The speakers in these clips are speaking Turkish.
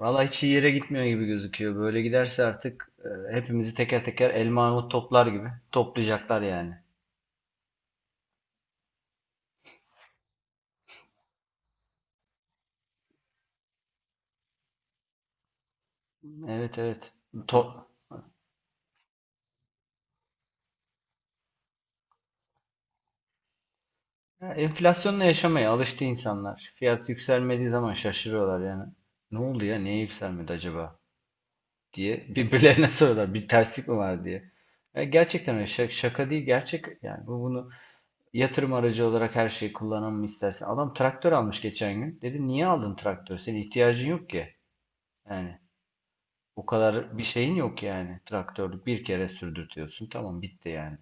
Valla hiç iyi yere gitmiyor gibi gözüküyor. Böyle giderse artık hepimizi teker teker elma armut toplar gibi toplayacaklar yani. Evet evet. To- Ya, enflasyonla yaşamaya alıştı insanlar. Fiyat yükselmediği zaman şaşırıyorlar yani. Ne oldu ya? Niye yükselmedi acaba diye birbirlerine soruyorlar. Bir terslik mi var diye. Ya, gerçekten öyle. Şaka değil gerçek. Yani bunu yatırım aracı olarak her şeyi kullanalım istersen. Adam traktör almış geçen gün. Dedim niye aldın traktör? Senin ihtiyacın yok ki. Yani o kadar bir şeyin yok yani. Traktörlük bir kere sürdürtüyorsun. Tamam bitti yani.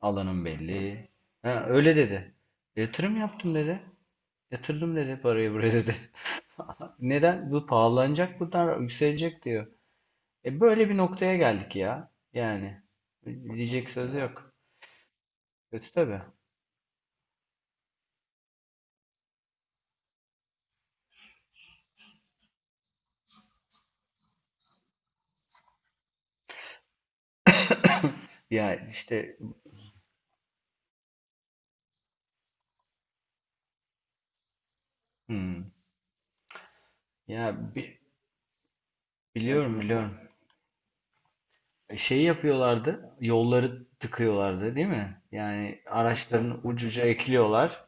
Alanın belli. Ha, öyle dedi. Yatırım yaptım dedi. Yatırdım dedi parayı buraya dedi. Neden? Bu pahalanacak, buradan yükselecek diyor. E, böyle bir noktaya geldik ya. Yani diyecek söz yok. Kötü tabii. Ya işte. Hmm. Ya biliyorum biliyorum. Şey yapıyorlardı. Yolları tıkıyorlardı, değil mi? Yani araçların ucuca ekliyorlar.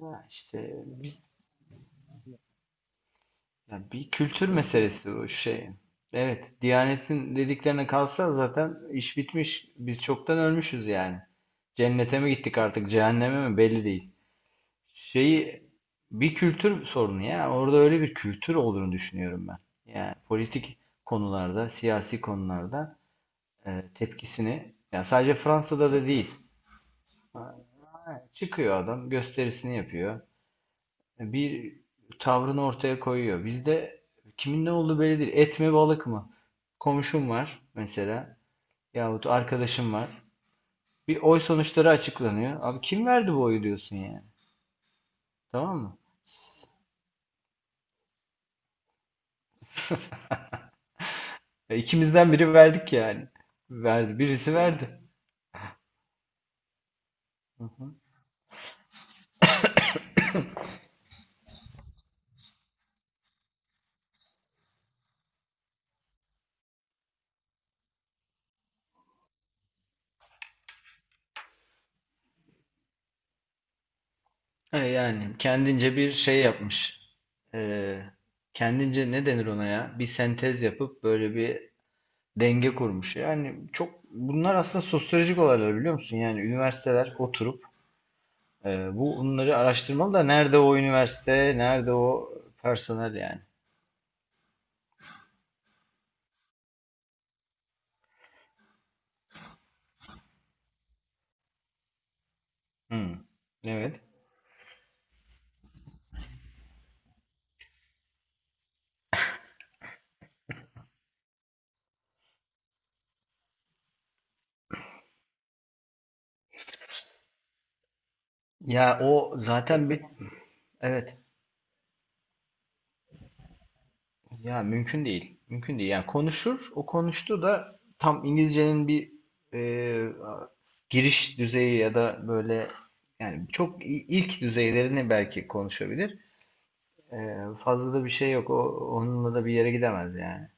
Ha, işte biz yani bir kültür meselesi bu şey. Evet, Diyanet'in dediklerine kalsa zaten iş bitmiş. Biz çoktan ölmüşüz yani. Cennete mi gittik artık, cehenneme mi belli değil. Şeyi, bir kültür sorunu ya. Orada öyle bir kültür olduğunu düşünüyorum ben. Yani politik konularda, siyasi konularda tepkisini, ya, sadece Fransa'da da değil. Ha, çıkıyor adam, gösterisini yapıyor. Bir tavrını ortaya koyuyor. Bizde kimin ne olduğu belli değil. Et mi balık mı? Komşum var mesela yahut arkadaşım var. Bir oy sonuçları açıklanıyor. Abi kim verdi bu oyu diyorsun yani. Tamam mı? S- Ya ikimizden biri verdik yani. Verdi. Birisi verdi. Hı hı. E yani kendince bir şey yapmış. E, Kendince ne denir ona ya? Bir sentez yapıp böyle bir denge kurmuş. Yani çok bunlar aslında sosyolojik olaylar, biliyor musun? Yani üniversiteler oturup e, bunları araştırmalı da nerede o üniversite, nerede o personel yani. Hmm. Evet. Ya o zaten bir, evet. Ya mümkün değil. Mümkün değil. Yani konuşur. O konuştu da tam İngilizcenin bir e, giriş düzeyi ya da böyle yani çok ilk düzeylerini belki konuşabilir. E, Fazla da bir şey yok. Onunla da bir yere gidemez yani.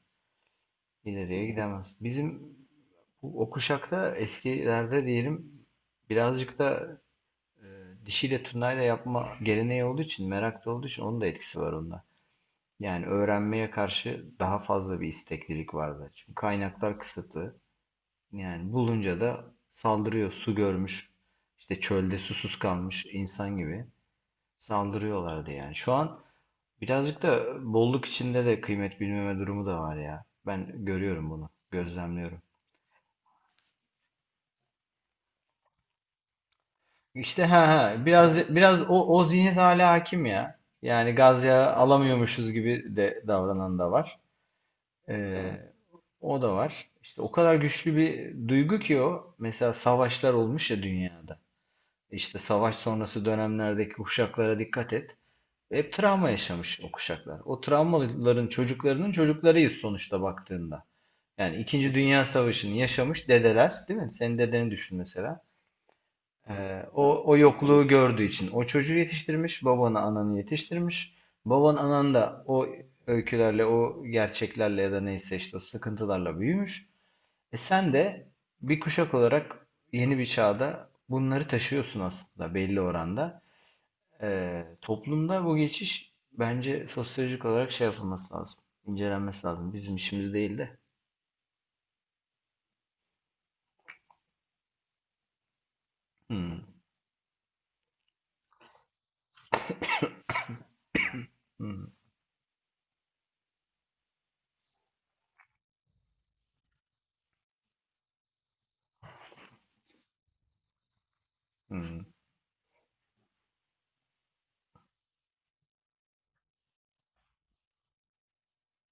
İleriye gidemez. Bizim o kuşakta, eskilerde diyelim, birazcık da dişiyle tırnağıyla yapma geleneği olduğu için, merak da olduğu için, onun da etkisi var onda. Yani öğrenmeye karşı daha fazla bir isteklilik vardı. Çünkü kaynaklar kısıtlı. Yani bulunca da saldırıyor. Su görmüş, işte çölde susuz kalmış insan gibi saldırıyorlardı yani. Şu an birazcık da bolluk içinde de kıymet bilmeme durumu da var ya. Ben görüyorum bunu, gözlemliyorum. İşte ha ha, biraz o zihniyet hala hakim ya. Yani gaz yağı alamıyormuşuz gibi de davranan da var. Ee, O da var. İşte o kadar güçlü bir duygu ki o. Mesela savaşlar olmuş ya dünyada. İşte savaş sonrası dönemlerdeki kuşaklara dikkat et. Hep travma yaşamış o kuşaklar. O travmaların çocuklarının çocuklarıyız sonuçta, baktığında. Yani İkinci Dünya Savaşı'nı yaşamış dedeler, değil mi? Senin dedeni düşün mesela. O yokluğu gördüğü için o çocuğu yetiştirmiş, babanı ananı yetiştirmiş. Baban anan da o öykülerle, o gerçeklerle ya da neyse işte o sıkıntılarla büyümüş. E sen de bir kuşak olarak yeni bir çağda bunları taşıyorsun aslında belli oranda. Toplumda bu geçiş bence sosyolojik olarak şey yapılması lazım, incelenmesi lazım. Bizim işimiz değil de. Hmm. Hmm. Hmm.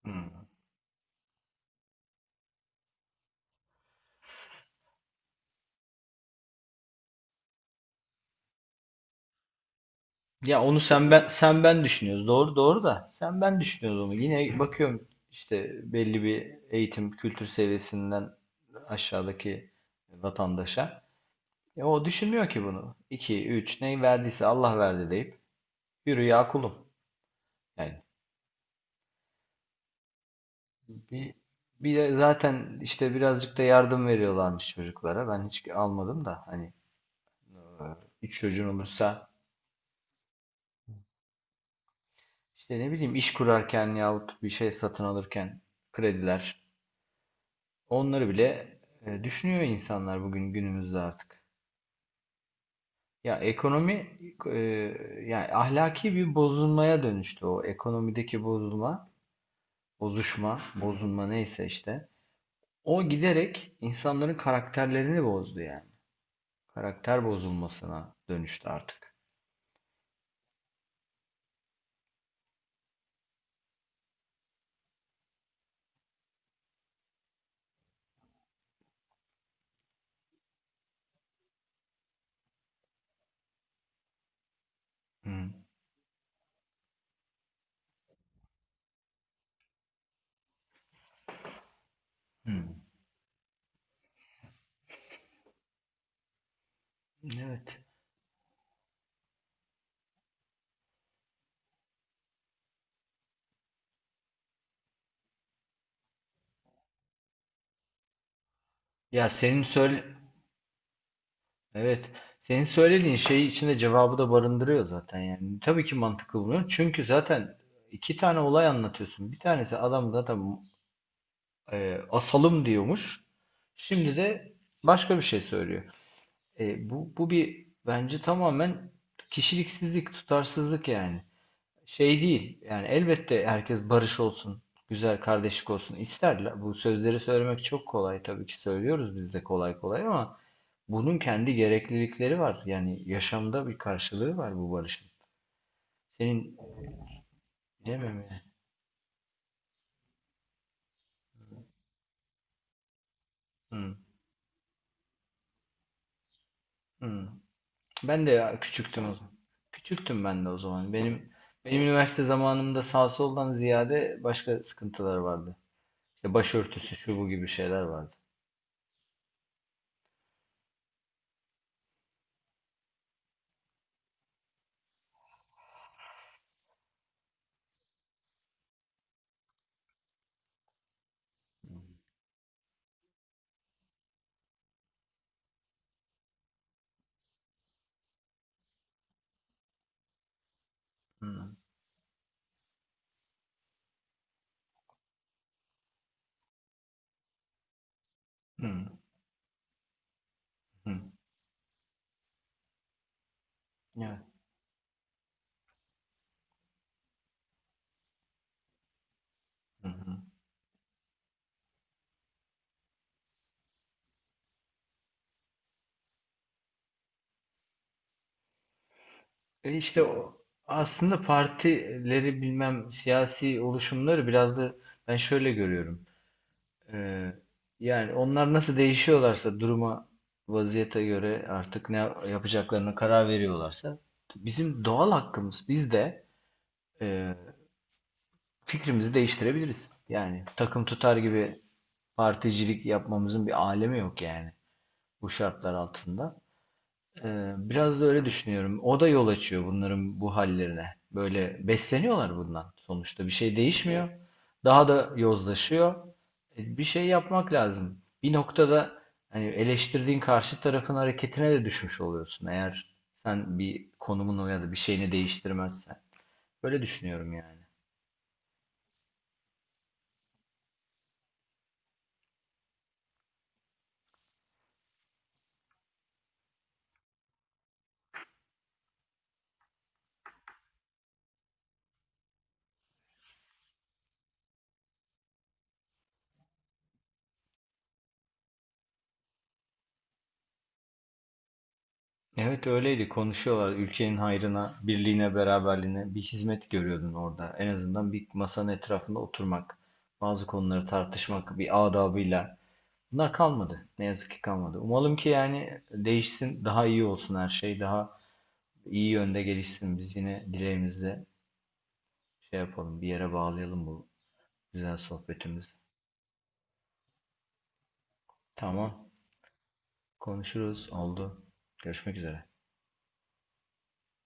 Hmm. Ya, onu sen ben sen ben düşünüyoruz. Doğru doğru da sen ben düşünüyoruz onu. Yine bakıyorum işte, belli bir eğitim kültür seviyesinden aşağıdaki vatandaşa. Ya o düşünmüyor ki bunu. İki 3 neyi verdiyse Allah verdi deyip yürü ya kulum. Yani bir, bir de zaten işte birazcık da yardım veriyorlarmış çocuklara. Ben hiç almadım da hani e, üç çocuğun olursa işte ne bileyim, iş kurarken yahut bir şey satın alırken krediler. Onları bile düşünüyor insanlar bugün günümüzde artık. Ya ekonomi e, yani ahlaki bir bozulmaya dönüştü o ekonomideki bozulma, bozuşma, bozulma, neyse işte. O giderek insanların karakterlerini bozdu yani. Karakter bozulmasına dönüştü artık. Hı. Hı. Evet. Ya senin söyle Evet. Senin söylediğin şey içinde cevabı da barındırıyor zaten yani. Tabii ki mantıklı buluyorum. Çünkü zaten iki tane olay anlatıyorsun. Bir tanesi adam zaten asalım diyormuş. Şimdi de başka bir şey söylüyor. Bu bir bence tamamen kişiliksizlik, tutarsızlık. Yani şey değil yani, elbette herkes barış olsun, güzel kardeşlik olsun isterler. Bu sözleri söylemek çok kolay, tabii ki söylüyoruz biz de kolay kolay, ama bunun kendi gereklilikleri var. Yani yaşamda bir karşılığı var bu barışın. Senin bilemem yani. Hı. Hı. Ben de ya, küçüktüm o zaman. Küçüktüm ben de o zaman. Benim üniversite zamanımda sağ soldan ziyade başka sıkıntılar vardı. İşte başörtüsü şu bu gibi şeyler vardı. Hı. Hı. Hı. Evet. Hı. Hı. E işte o, aslında partileri bilmem siyasi oluşumları biraz da ben şöyle görüyorum. Ee, Yani onlar nasıl değişiyorlarsa duruma, vaziyete göre, artık ne yapacaklarına karar veriyorlarsa, bizim doğal hakkımız, biz de e, fikrimizi değiştirebiliriz. Yani takım tutar gibi particilik yapmamızın bir alemi yok yani bu şartlar altında. Biraz da öyle düşünüyorum. O da yol açıyor bunların bu hallerine. Böyle besleniyorlar bundan. Sonuçta bir şey değişmiyor. Evet. Daha da yozlaşıyor. Bir şey yapmak lazım. Bir noktada hani eleştirdiğin karşı tarafın hareketine de düşmüş oluyorsun, eğer sen bir konumunu ya da bir şeyini değiştirmezsen. Böyle düşünüyorum yani. Evet, öyleydi, konuşuyorlar ülkenin hayrına, birliğine, beraberliğine bir hizmet görüyordun orada. En azından bir masanın etrafında oturmak, bazı konuları tartışmak bir adabıyla. Bunlar kalmadı. Ne yazık ki kalmadı. Umalım ki yani değişsin, daha iyi olsun her şey, daha iyi yönde gelişsin. Biz yine dileğimizle şey yapalım, bir yere bağlayalım bu güzel sohbetimizi. Tamam, konuşuruz, oldu. Görüşmek üzere.